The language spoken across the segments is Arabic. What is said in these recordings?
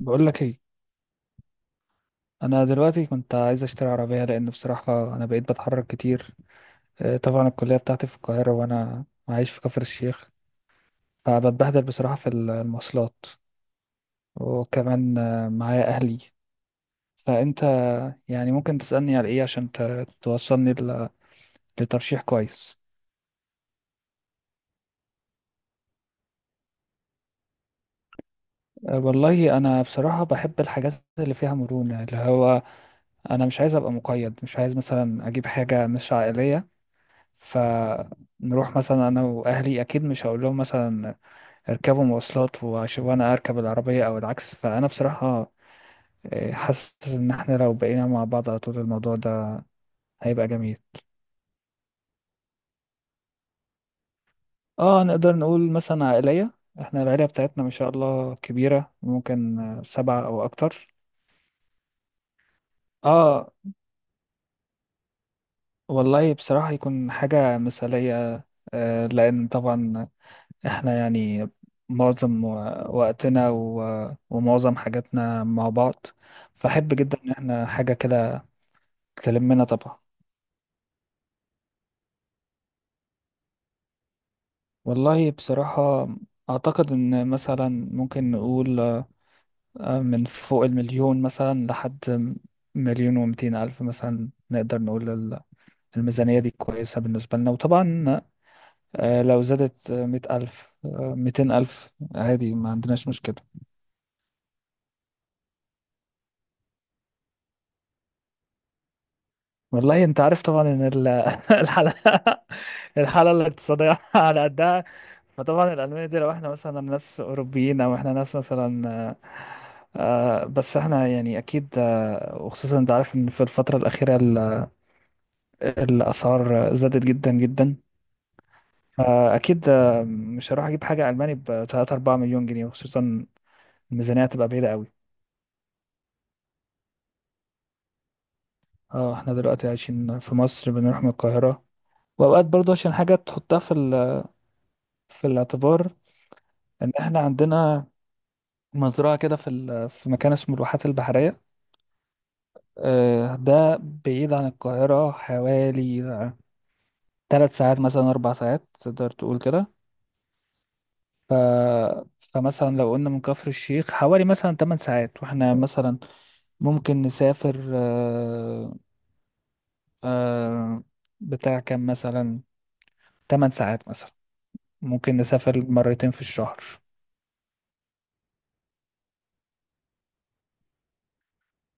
بقول لك ايه؟ انا دلوقتي كنت عايز اشتري عربيه لان بصراحه انا بقيت بتحرك كتير. طبعا الكليه بتاعتي في القاهره، وانا عايش في كفر الشيخ. فبتبهدل بصراحه في المواصلات. وكمان معايا اهلي. فانت يعني ممكن تسالني على ايه عشان توصلني لترشيح كويس. والله انا بصراحه بحب الحاجات اللي فيها مرونه، اللي هو انا مش عايز ابقى مقيد، مش عايز مثلا اجيب حاجه مش عائليه. ف نروح مثلا انا واهلي، اكيد مش هقول لهم مثلا يركبوا مواصلات وانا اركب العربية او العكس، فانا بصراحة حاسس ان احنا لو بقينا مع بعض على طول الموضوع ده هيبقى جميل. اه، نقدر نقول مثلا عائلية. احنا العيلة بتاعتنا ما شاء الله كبيرة، ممكن سبعة او اكتر. اه، والله بصراحة يكون حاجة مثالية. لان طبعا احنا يعني معظم وقتنا ومعظم حاجاتنا مع بعض. فأحب جدا ان احنا حاجة كده تلمنا طبعا. والله بصراحة أعتقد إن مثلا ممكن نقول من فوق المليون، مثلا لحد مليون و200 ألف. مثلا نقدر نقول الميزانية دي كويسة بالنسبة لنا. وطبعا لو زادت 100 ألف، 200 ألف، عادي، ما عندناش مشكلة. والله أنت عارف طبعا إن الحالة الحالة الاقتصادية على قدها. فطبعا الألماني دي لو احنا مثلا ناس أوروبيين أو احنا ناس مثلا، بس احنا يعني أكيد. وخصوصا أنت عارف إن في الفترة الأخيرة الأسعار زادت جدا جدا. أكيد، مش هروح أجيب حاجة ألماني بتلاتة أربعة مليون جنيه، وخصوصا الميزانية هتبقى بعيدة قوي. اه، احنا دلوقتي عايشين في مصر، بنروح من القاهرة. وأوقات برضو عشان حاجة تحطها في الاعتبار. إن احنا عندنا مزرعة كده في مكان اسمه الواحات البحرية. ده بعيد عن القاهرة حوالي 3 ساعات، مثلا 4 ساعات، تقدر تقول كده. ف... فمثلا لو قلنا من كفر الشيخ حوالي مثلا 8 ساعات، واحنا مثلا ممكن نسافر، آه، بتاع كام مثلا، 8 ساعات مثلا، ممكن نسافر مرتين في الشهر.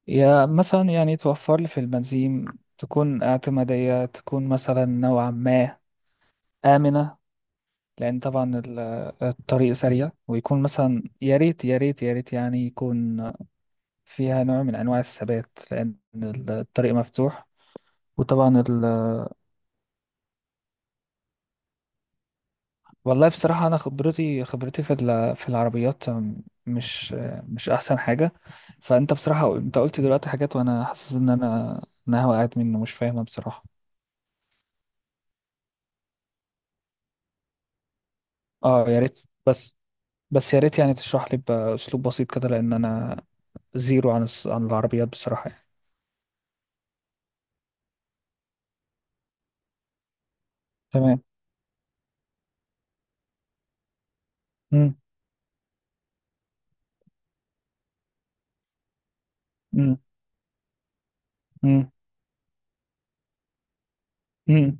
يا مثلا يعني توفر لي في البنزين، تكون اعتمادية، تكون مثلا نوعا ما آمنة. لأن طبعا الطريق سريع، ويكون مثلا يا ريت يا ريت يا ريت يعني يكون فيها نوع من أنواع الثبات، لأن الطريق مفتوح. وطبعا والله بصراحة أنا خبرتي في العربيات مش مش أحسن حاجة. فأنت بصراحة أنت قلت دلوقتي حاجات، وأنا حاسس إن أنا وقعت منه مش فاهمها بصراحة. أه يا ريت. بس بس يا ريت يعني تشرح لي بأسلوب بسيط كده، لأن أنا زيرو عن العربيات بصراحة يعني. تمام. مم. مم. مم. امم.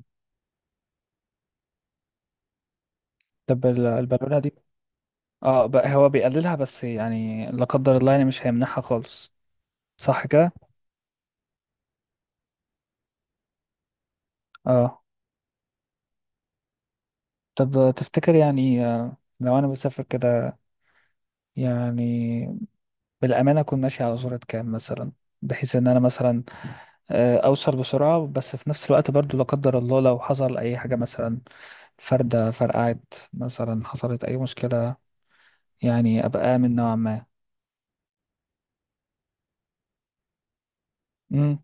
طب البالونه دي. اه، بقى هو بيقللها بس، يعني لا قدر الله يعني مش هيمنعها خالص. صح كده. اه، طب تفتكر يعني، لو انا بسافر كده يعني، بالامانه اكون ماشي على سرعه كام مثلا؟ بحيث ان انا مثلا اوصل بسرعه، بس في نفس الوقت برضو لا قدر الله لو حصل اي حاجه مثلا، فرده فرقعت، مثلا حصلت اي مشكله، يعني ابقى امن نوعا ما. امم.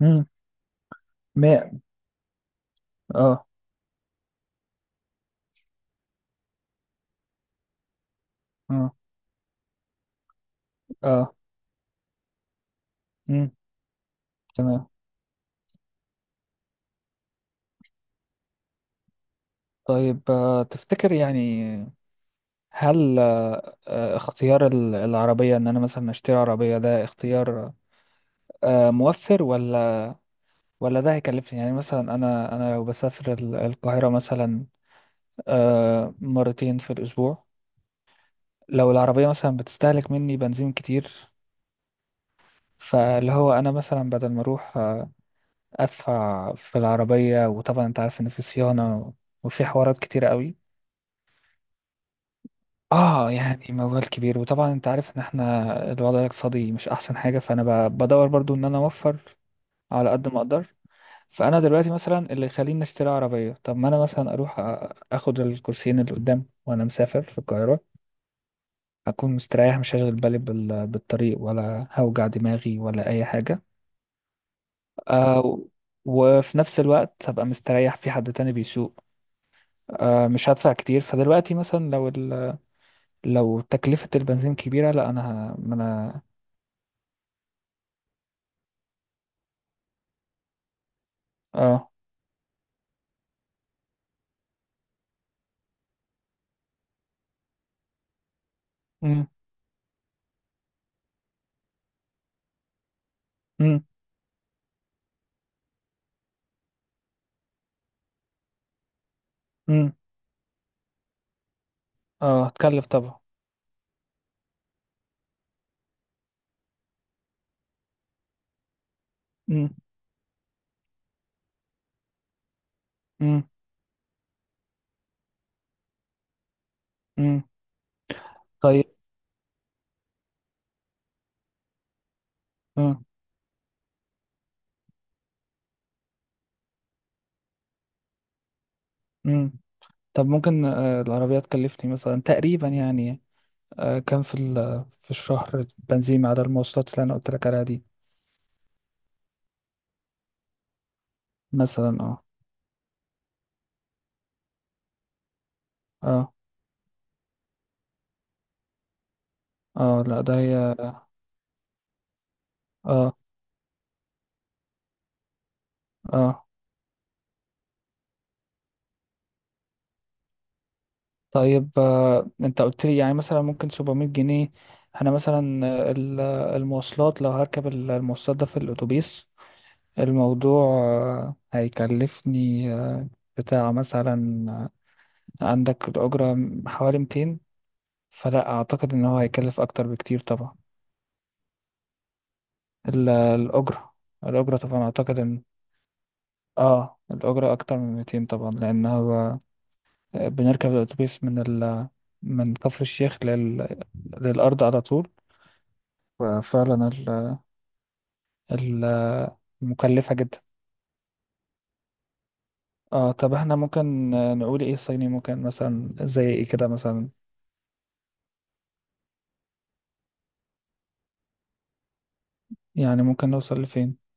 امم. مية. اه. اه. اه. امم. تمام. طيب تفتكر يعني، هل اختيار العربية ان انا مثلا اشتري عربية، ده اختيار موفر، ولا ده هيكلفني؟ يعني مثلا انا لو بسافر القاهرة مثلا مرتين في الاسبوع. لو العربية مثلا بتستهلك مني بنزين كتير، فاللي هو انا مثلا بدل ما اروح ادفع في العربية. وطبعا انت عارف ان في صيانة، وفي حوارات كتير قوي. اه يعني موال كبير، وطبعا انت عارف ان احنا الوضع الاقتصادي مش احسن حاجة. فانا بدور برضو ان انا اوفر على قد ما اقدر. فانا دلوقتي مثلا اللي يخليني اشتري عربية. طب ما انا مثلا اروح اخد الكرسيين اللي قدام وانا مسافر في القاهرة. هكون مستريح، مش هشغل بالي بالطريق، ولا هوجع دماغي ولا اي حاجة. آه. وفي نفس الوقت هبقى مستريح في حد تاني بيسوق. آه، مش هدفع كتير. فدلوقتي مثلا لو تكلفة البنزين كبيرة، لا انا ما انا. اه. مم. مم. مم. اه، هتكلف طبعا. مم. مم. مم. طيب. مم. مم. طب ممكن العربية تكلفني مثلا تقريبا يعني كام في الشهر بنزين على المواصلات اللي انا قلت لك عليها دي؟ مثلا، اه. اه، اه، لا، ده هي. اه. اه، طيب انت قلت لي يعني مثلا ممكن 700 جنيه. انا مثلا المواصلات، لو هركب المواصلات، ده في الاتوبيس. الموضوع هيكلفني بتاع مثلا، عندك الأجرة حوالي 200. فلا أعتقد إن هو هيكلف أكتر بكتير طبعا. ال- الأجرة الأجرة طبعا أعتقد إن آه الأجرة أكتر من 200 طبعا، لأن هو بنركب الأتوبيس من كفر الشيخ للأرض على طول. ففعلا ال... مكلفة جدا. آه، طب إحنا ممكن نقول إيه؟ الصيني ممكن مثلا زي إيه كده مثلا؟ يعني ممكن نوصل لفين؟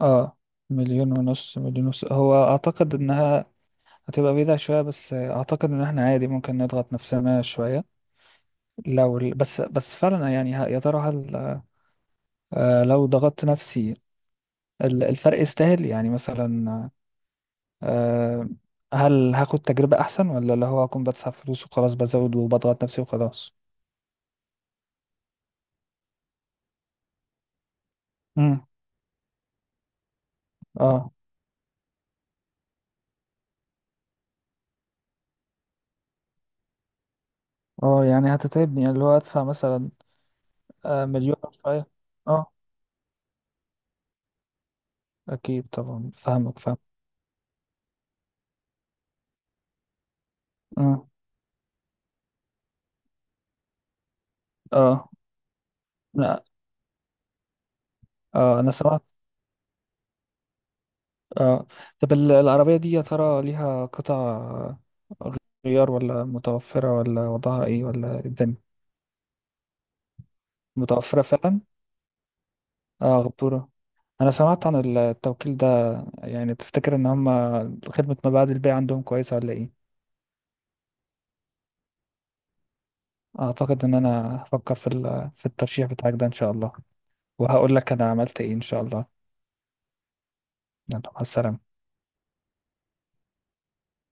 اه، مليون ونص مليون ونص. هو اعتقد انها هتبقى بعيدة شوية، بس اعتقد ان احنا عادي ممكن نضغط نفسنا شوية. بس فعلا يعني، يا ترى هل آه، لو ضغطت نفسي، الفرق يستاهل يعني مثلا، آه هل هاخد تجربة احسن، ولا اللي هو هكون بدفع فلوس وخلاص، بزود وبضغط نفسي وخلاص؟ امم. اه. اه يعني هتتعبني، يعني اللي هو ادفع مثلا آه مليون أو شوية. اه اكيد طبعا، فاهمك فاهم. اه. اه. اه، انا سمعت. اه، طب العربية دي يا ترى ليها قطع غيار، ولا متوفرة، ولا وضعها ايه، ولا إيه الدنيا؟ متوفرة فعلا؟ اه غبورة، انا سمعت عن التوكيل ده. يعني تفتكر ان هم خدمة ما بعد البيع عندهم كويسة ولا ايه؟ اعتقد ان انا هفكر في الترشيح بتاعك ده ان شاء الله. وهقول لك انا عملت ايه ان شاء الله. يلا، مع السلامة.